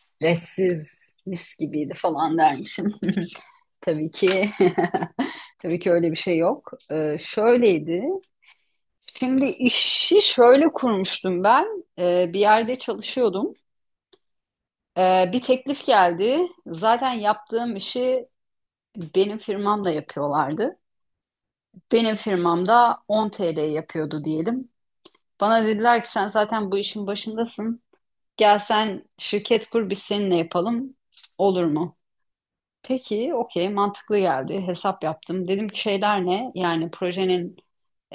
Stressiz, mis gibiydi falan dermişim. Tabii ki tabii ki öyle bir şey yok. Şöyleydi. Şimdi işi şöyle kurmuştum ben. Bir yerde çalışıyordum. Bir teklif geldi. Zaten yaptığım işi benim firmamla yapıyorlardı. Benim firmamda 10 TL yapıyordu diyelim. Bana dediler ki sen zaten bu işin başındasın. Gel sen şirket kur, biz seninle yapalım. Olur mu? Peki, okey, mantıklı geldi. Hesap yaptım. Dedim ki şeyler ne? Yani projenin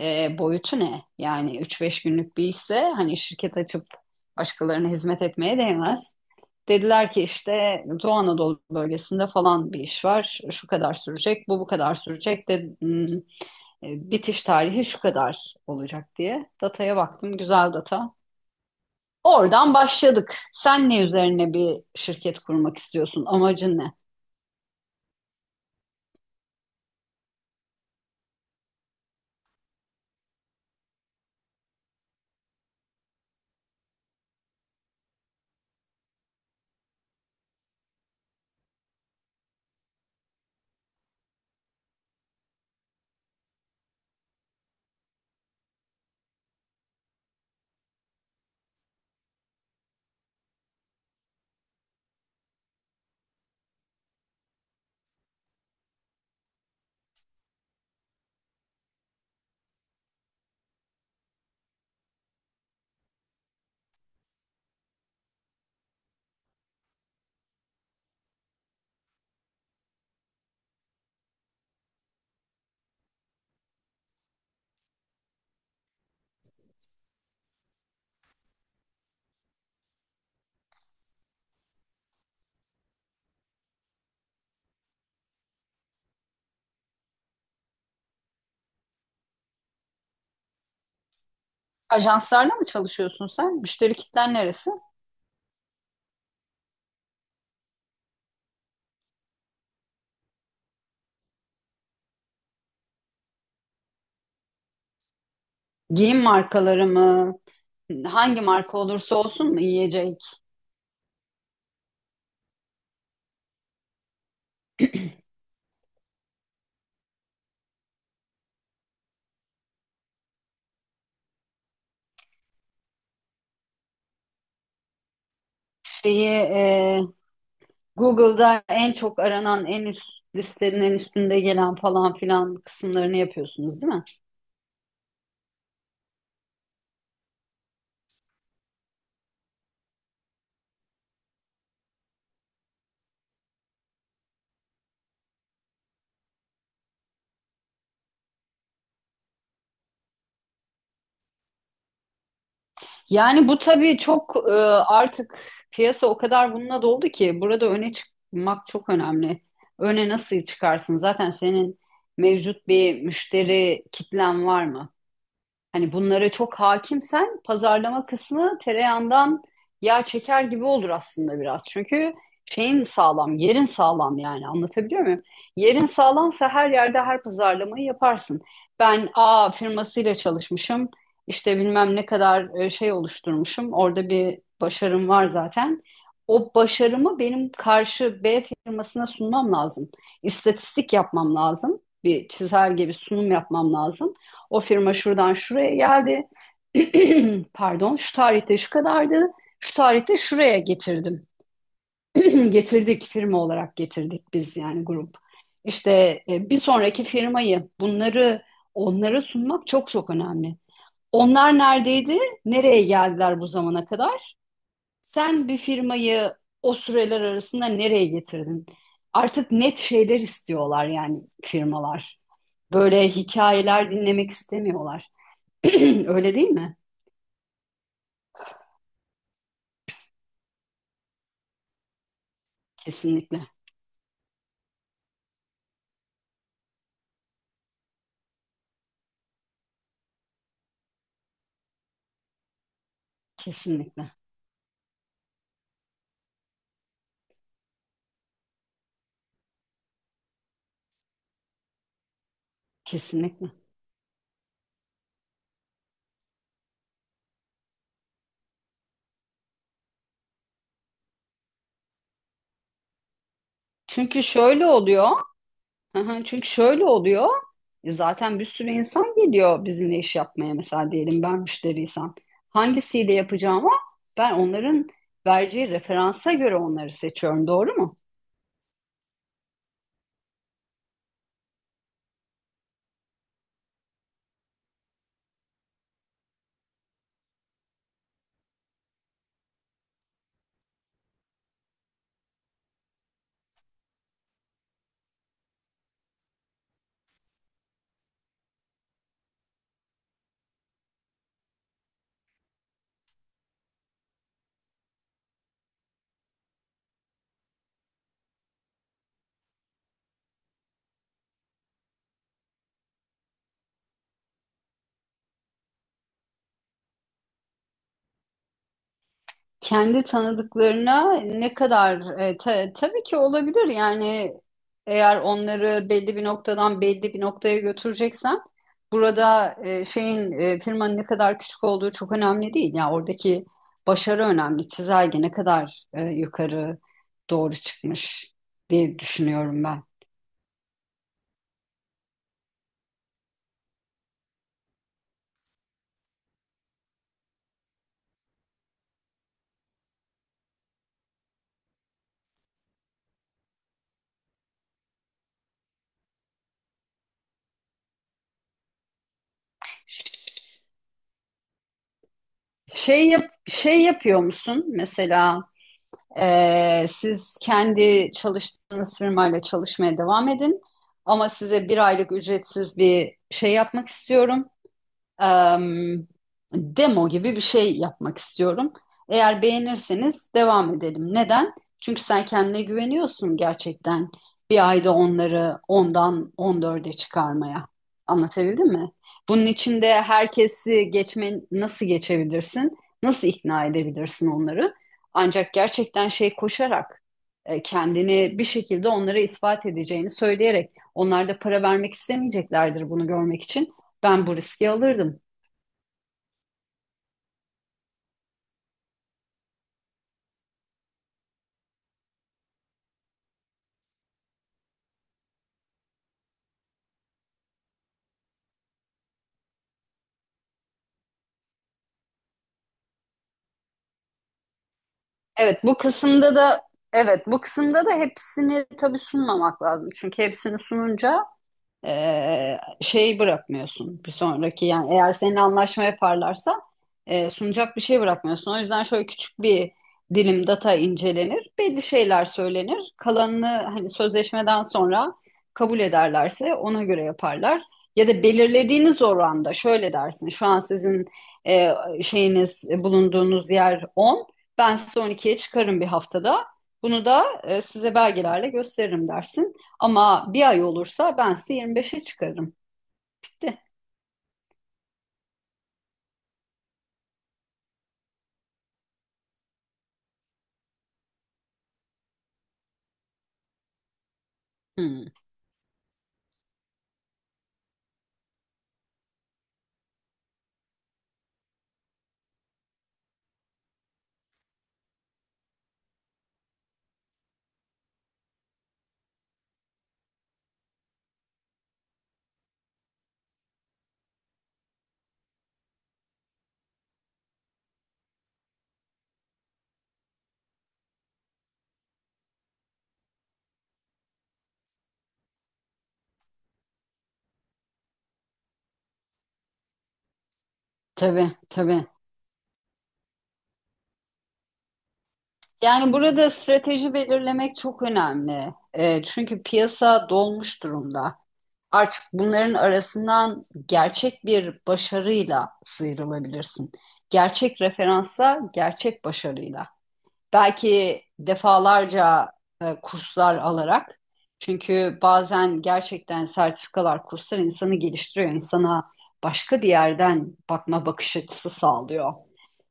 boyutu ne? Yani 3-5 günlük bir ise hani şirket açıp başkalarına hizmet etmeye değmez. Dediler ki işte Doğu Anadolu bölgesinde falan bir iş var. Şu kadar sürecek, bu kadar sürecek de hmm, bitiş tarihi şu kadar olacak diye. Dataya baktım, güzel data. Oradan başladık. Sen ne üzerine bir şirket kurmak istiyorsun? Amacın ne? Ajanslarla mı çalışıyorsun sen? Müşteri kitlen neresi? Giyim markaları mı? Hangi marka olursa olsun mu yiyecek? Şeyi e, Google'da en çok aranan, en üst listelerin en üstünde gelen falan filan kısımlarını yapıyorsunuz, değil mi? Yani bu tabii çok artık piyasa o kadar bununla doldu ki burada öne çıkmak çok önemli. Öne nasıl çıkarsın? Zaten senin mevcut bir müşteri kitlen var mı? Hani bunlara çok hakimsen pazarlama kısmı tereyağından yağ çeker gibi olur aslında biraz. Çünkü şeyin sağlam, yerin sağlam, yani anlatabiliyor muyum? Yerin sağlamsa her yerde her pazarlamayı yaparsın. Ben A firmasıyla çalışmışım. İşte bilmem ne kadar şey oluşturmuşum. Orada bir başarım var zaten. O başarımı benim karşı B firmasına sunmam lazım. İstatistik yapmam lazım. Bir çizelge, bir sunum yapmam lazım. O firma şuradan şuraya geldi. Pardon, şu tarihte şu kadardı. Şu tarihte şuraya getirdim. Getirdik, firma olarak getirdik biz, yani grup. İşte bir sonraki firmayı, bunları onlara sunmak çok çok önemli. Onlar neredeydi? Nereye geldiler bu zamana kadar? Sen bir firmayı o süreler arasında nereye getirdin? Artık net şeyler istiyorlar yani firmalar. Böyle hikayeler dinlemek istemiyorlar. Öyle değil mi? Kesinlikle. Kesinlikle. Kesinlikle. Çünkü şöyle oluyor. Hı hı. Çünkü şöyle oluyor. Zaten bir sürü insan geliyor bizimle iş yapmaya. Mesela diyelim ben müşteriysem. Hangisiyle yapacağımı ben onların vereceği referansa göre onları seçiyorum. Doğru mu? Kendi tanıdıklarına ne kadar tabii ki olabilir yani, eğer onları belli bir noktadan belli bir noktaya götüreceksen burada firmanın ne kadar küçük olduğu çok önemli değil. Yani oradaki başarı önemli. Çizelge ne kadar yukarı doğru çıkmış diye düşünüyorum ben. Şey yap, şey yapıyor musun mesela? Siz kendi çalıştığınız firmayla çalışmaya devam edin. Ama size bir aylık ücretsiz bir şey yapmak istiyorum, em, demo gibi bir şey yapmak istiyorum. Eğer beğenirseniz devam edelim. Neden? Çünkü sen kendine güveniyorsun gerçekten. Bir ayda onları ondan on dörde çıkarmaya. Anlatabildim mi? Bunun için de herkesi geçme, nasıl geçebilirsin? Nasıl ikna edebilirsin onları? Ancak gerçekten şey, koşarak kendini bir şekilde onlara ispat edeceğini söyleyerek, onlar da para vermek istemeyeceklerdir bunu görmek için. Ben bu riski alırdım. Evet, bu kısımda da evet, bu kısımda da hepsini tabii sunmamak lazım. Çünkü hepsini sununca şey bırakmıyorsun bir sonraki, yani eğer seninle anlaşma yaparlarsa sunacak bir şey bırakmıyorsun. O yüzden şöyle küçük bir dilim data incelenir, belli şeyler söylenir. Kalanını hani sözleşmeden sonra kabul ederlerse ona göre yaparlar. Ya da belirlediğiniz oranda şöyle dersin. Şu an sizin e, bulunduğunuz yer 10. Ben size 12'ye çıkarım bir haftada. Bunu da size belgelerle gösteririm dersin. Ama bir ay olursa ben sizi 25'e çıkarım. Hmm, tabii tabii. Yani burada strateji belirlemek çok önemli. Çünkü piyasa dolmuş durumda. Artık bunların arasından gerçek bir başarıyla sıyrılabilirsin. Gerçek referansa, gerçek başarıyla. Belki defalarca kurslar alarak. Çünkü bazen gerçekten sertifikalar, kurslar insanı geliştiriyor. İnsana başka bir yerden bakma bakış açısı sağlıyor.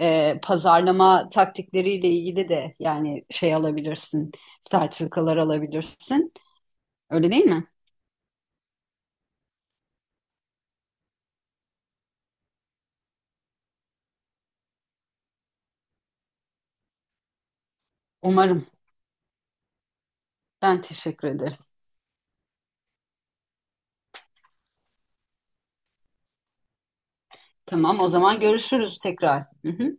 Pazarlama taktikleriyle ilgili de yani şey alabilirsin, sertifikalar alabilirsin. Öyle değil mi? Umarım. Ben teşekkür ederim. Tamam, o zaman görüşürüz tekrar. Hı hı.